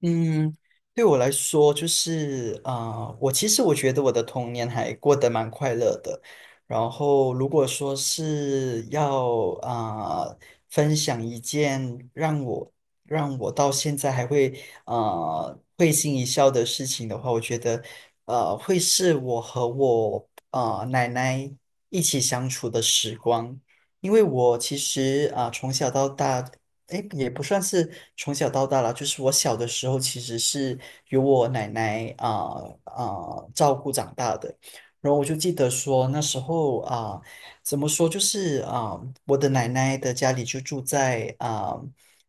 嗯，对我来说，就是我其实我觉得我的童年还过得蛮快乐的。然后，如果说是要分享一件让我让我到现在还会会心一笑的事情的话，我觉得会是我和我奶奶一起相处的时光。因为我其实从小到大也不算是从小到大啦，就是我小的时候其实是由我奶奶照顾长大的。然后我就记得说那时候怎么说就是我的奶奶的家里就住在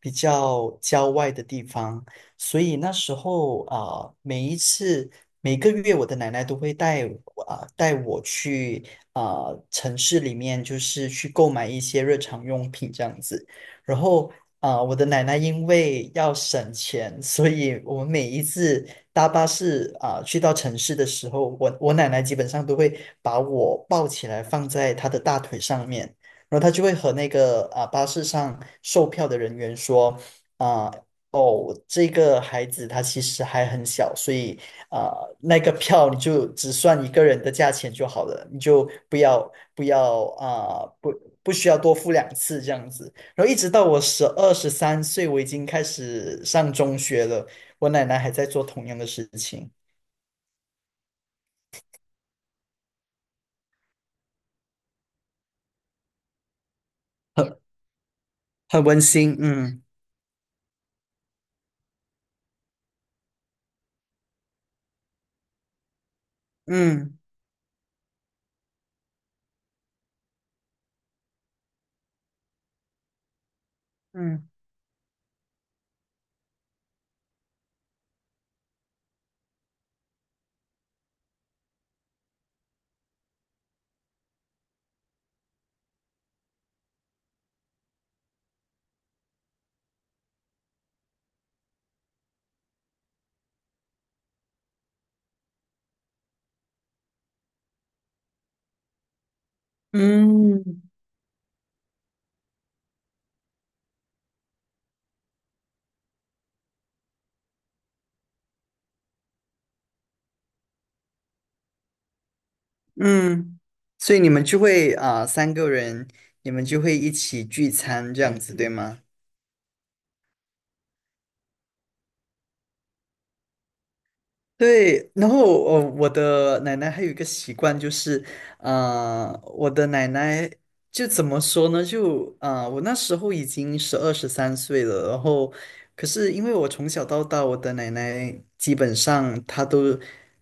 比较郊外的地方，所以那时候每一次每个月我的奶奶都会带我带我去城市里面，就是去购买一些日常用品这样子。然后我的奶奶因为要省钱，所以我们每一次搭巴士去到城市的时候，我奶奶基本上都会把我抱起来放在她的大腿上面，然后她就会和那个巴士上售票的人员说，啊、哦，这个孩子他其实还很小，所以啊、那个票你就只算一个人的价钱就好了，你就不需要多付两次这样子。然后一直到我十二十三岁，我已经开始上中学了，我奶奶还在做同样的事情，很很温馨。嗯嗯嗯嗯嗯。所以你们就会三个人，你们就会一起聚餐这样子，对吗？对，然后哦，我的奶奶还有一个习惯就是，啊，我的奶奶就怎么说呢？就我那时候已经十二十三岁了，然后可是因为我从小到大，我的奶奶基本上她都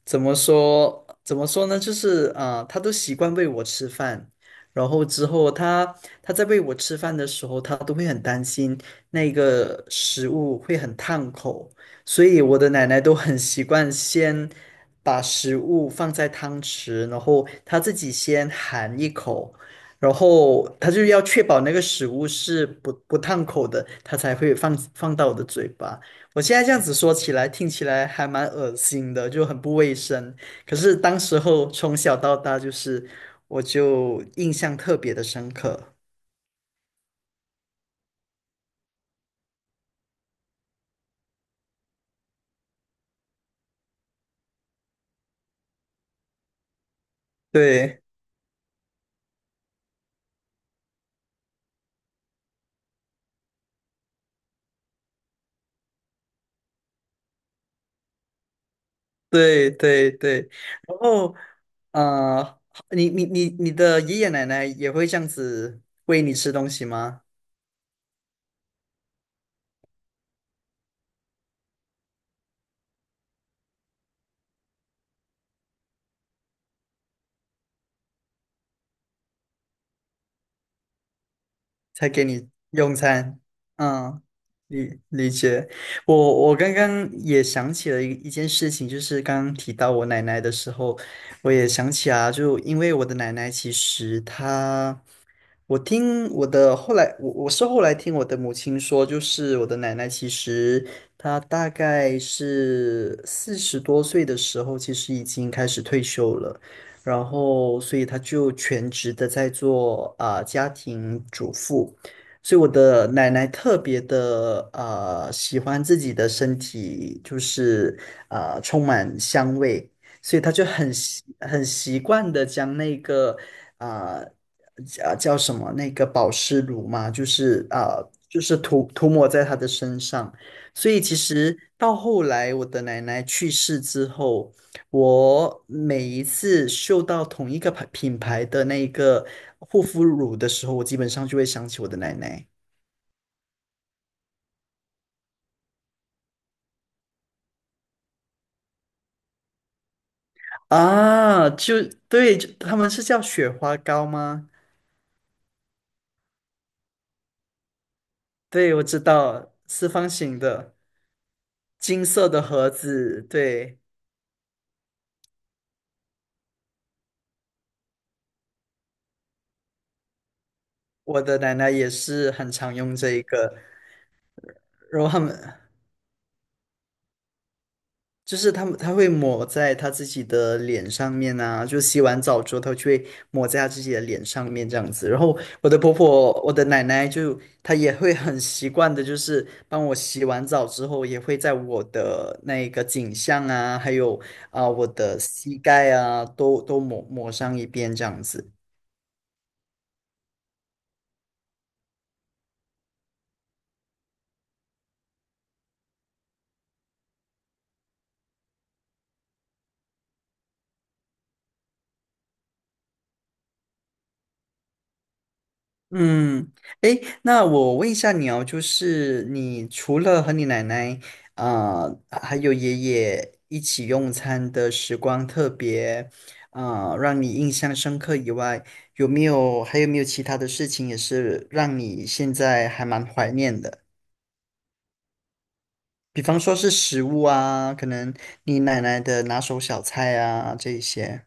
怎么说？怎么说呢？就是她都习惯喂我吃饭，然后之后她在喂我吃饭的时候，她都会很担心那个食物会很烫口。所以我的奶奶都很习惯先把食物放在汤匙，然后她自己先含一口，然后她就要确保那个食物是不烫口的，她才会放到我的嘴巴。我现在这样子说起来，听起来还蛮恶心的，就很不卫生。可是当时候从小到大，就是我就印象特别的深刻。对。对对对，然后呃，你的爷爷奶奶也会这样子喂你吃东西吗？才给你用餐？嗯，理解。我刚刚也想起了一件事情，就是刚刚提到我奶奶的时候，我也想起啊，就因为我的奶奶其实她。我听我的后来，我是后来听我的母亲说，就是我的奶奶，其实她大概是四十多岁的时候，其实已经开始退休了，然后所以她就全职的在做家庭主妇，所以我的奶奶特别的喜欢自己的身体，就是充满香味，所以她就很习惯的将那个。啊。叫什么那个保湿乳嘛，就是就是涂抹在她的身上。所以其实到后来我的奶奶去世之后，我每一次嗅到同一个品牌的那个护肤乳的时候，我基本上就会想起我的奶奶啊，就对，就他们是叫雪花膏吗？对，我知道，四方形的金色的盒子，对。我的奶奶也是很常用这一个，然后就是他们，他会抹在他自己的脸上面啊，就洗完澡之后，他就会抹在他自己的脸上面这样子。然后我的婆婆，我的奶奶就她也会很习惯的，就是帮我洗完澡之后，也会在我的那个颈项啊，还有我的膝盖啊，都抹上一遍这样子。嗯，诶，那我问一下你哦，就是你除了和你奶奶还有爷爷一起用餐的时光特别让你印象深刻以外，有没有还有没有其他的事情也是让你现在还蛮怀念的？比方说是食物啊，可能你奶奶的拿手小菜啊这一些。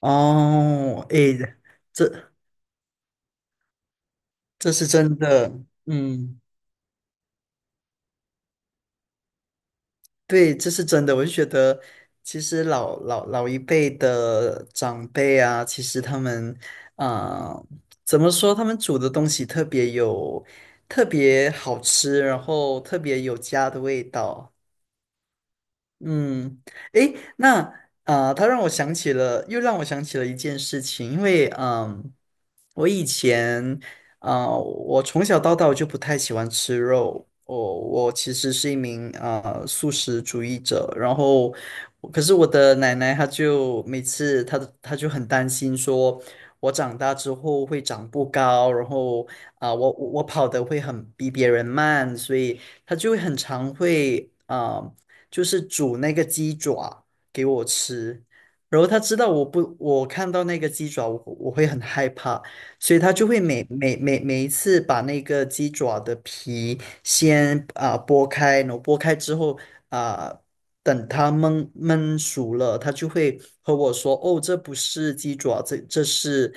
哦，诶，这这是真的，嗯。对，这是真的。我就觉得，其实老一辈的长辈啊，其实他们，啊、怎么说？他们煮的东西特别，特别好吃，然后特别有家的味道。嗯，诶，那，他让我想起了，又让我想起了一件事情，因为我以前我从小到大我就不太喜欢吃肉，我其实是一名素食主义者，然后可是我的奶奶她就每次她就很担心说，我长大之后会长不高，然后我我跑得会很比别人慢，所以她就会很常会就是煮那个鸡爪给我吃。然后他知道我不，我看到那个鸡爪，我会很害怕，所以他就会每一次把那个鸡爪的皮先剥开，然后剥开之后啊、等它焖熟了，他就会和我说：“哦，这不是鸡爪，这是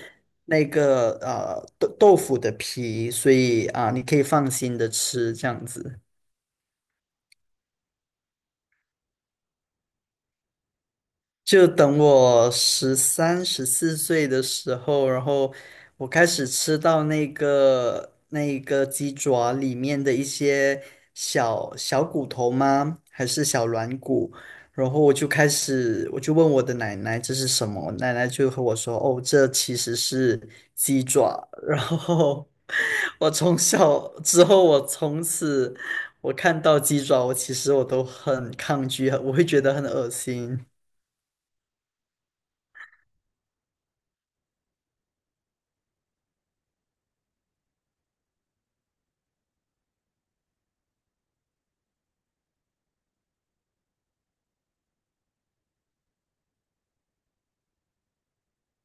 那个豆腐的皮，所以你可以放心的吃这样子。”就等我十三、十四岁的时候，然后我开始吃到那个鸡爪里面的一些小骨头吗？还是小软骨？然后我就开始，我就问我的奶奶这是什么，奶奶就和我说：“哦，这其实是鸡爪。然后我从小之后，我从此我看到鸡爪，我其实我都很抗拒，我会觉得很恶心。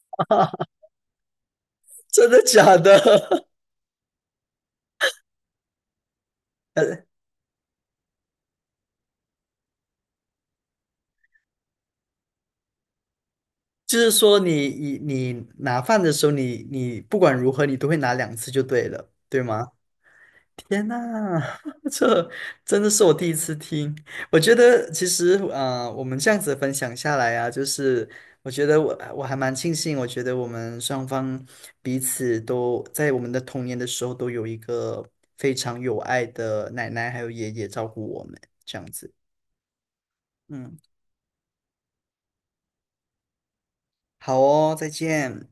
真的假的？呃，就是说你你拿饭的时候，你不管如何，你都会拿两次就对了，对吗？天呐，这真的是我第一次听。我觉得其实我们这样子分享下来啊，就是我觉得我还蛮庆幸，我觉得我们双方彼此都在我们的童年的时候都有一个非常有爱的奶奶还有爷爷照顾我们，这样子。嗯，好哦，再见，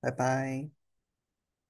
拜拜。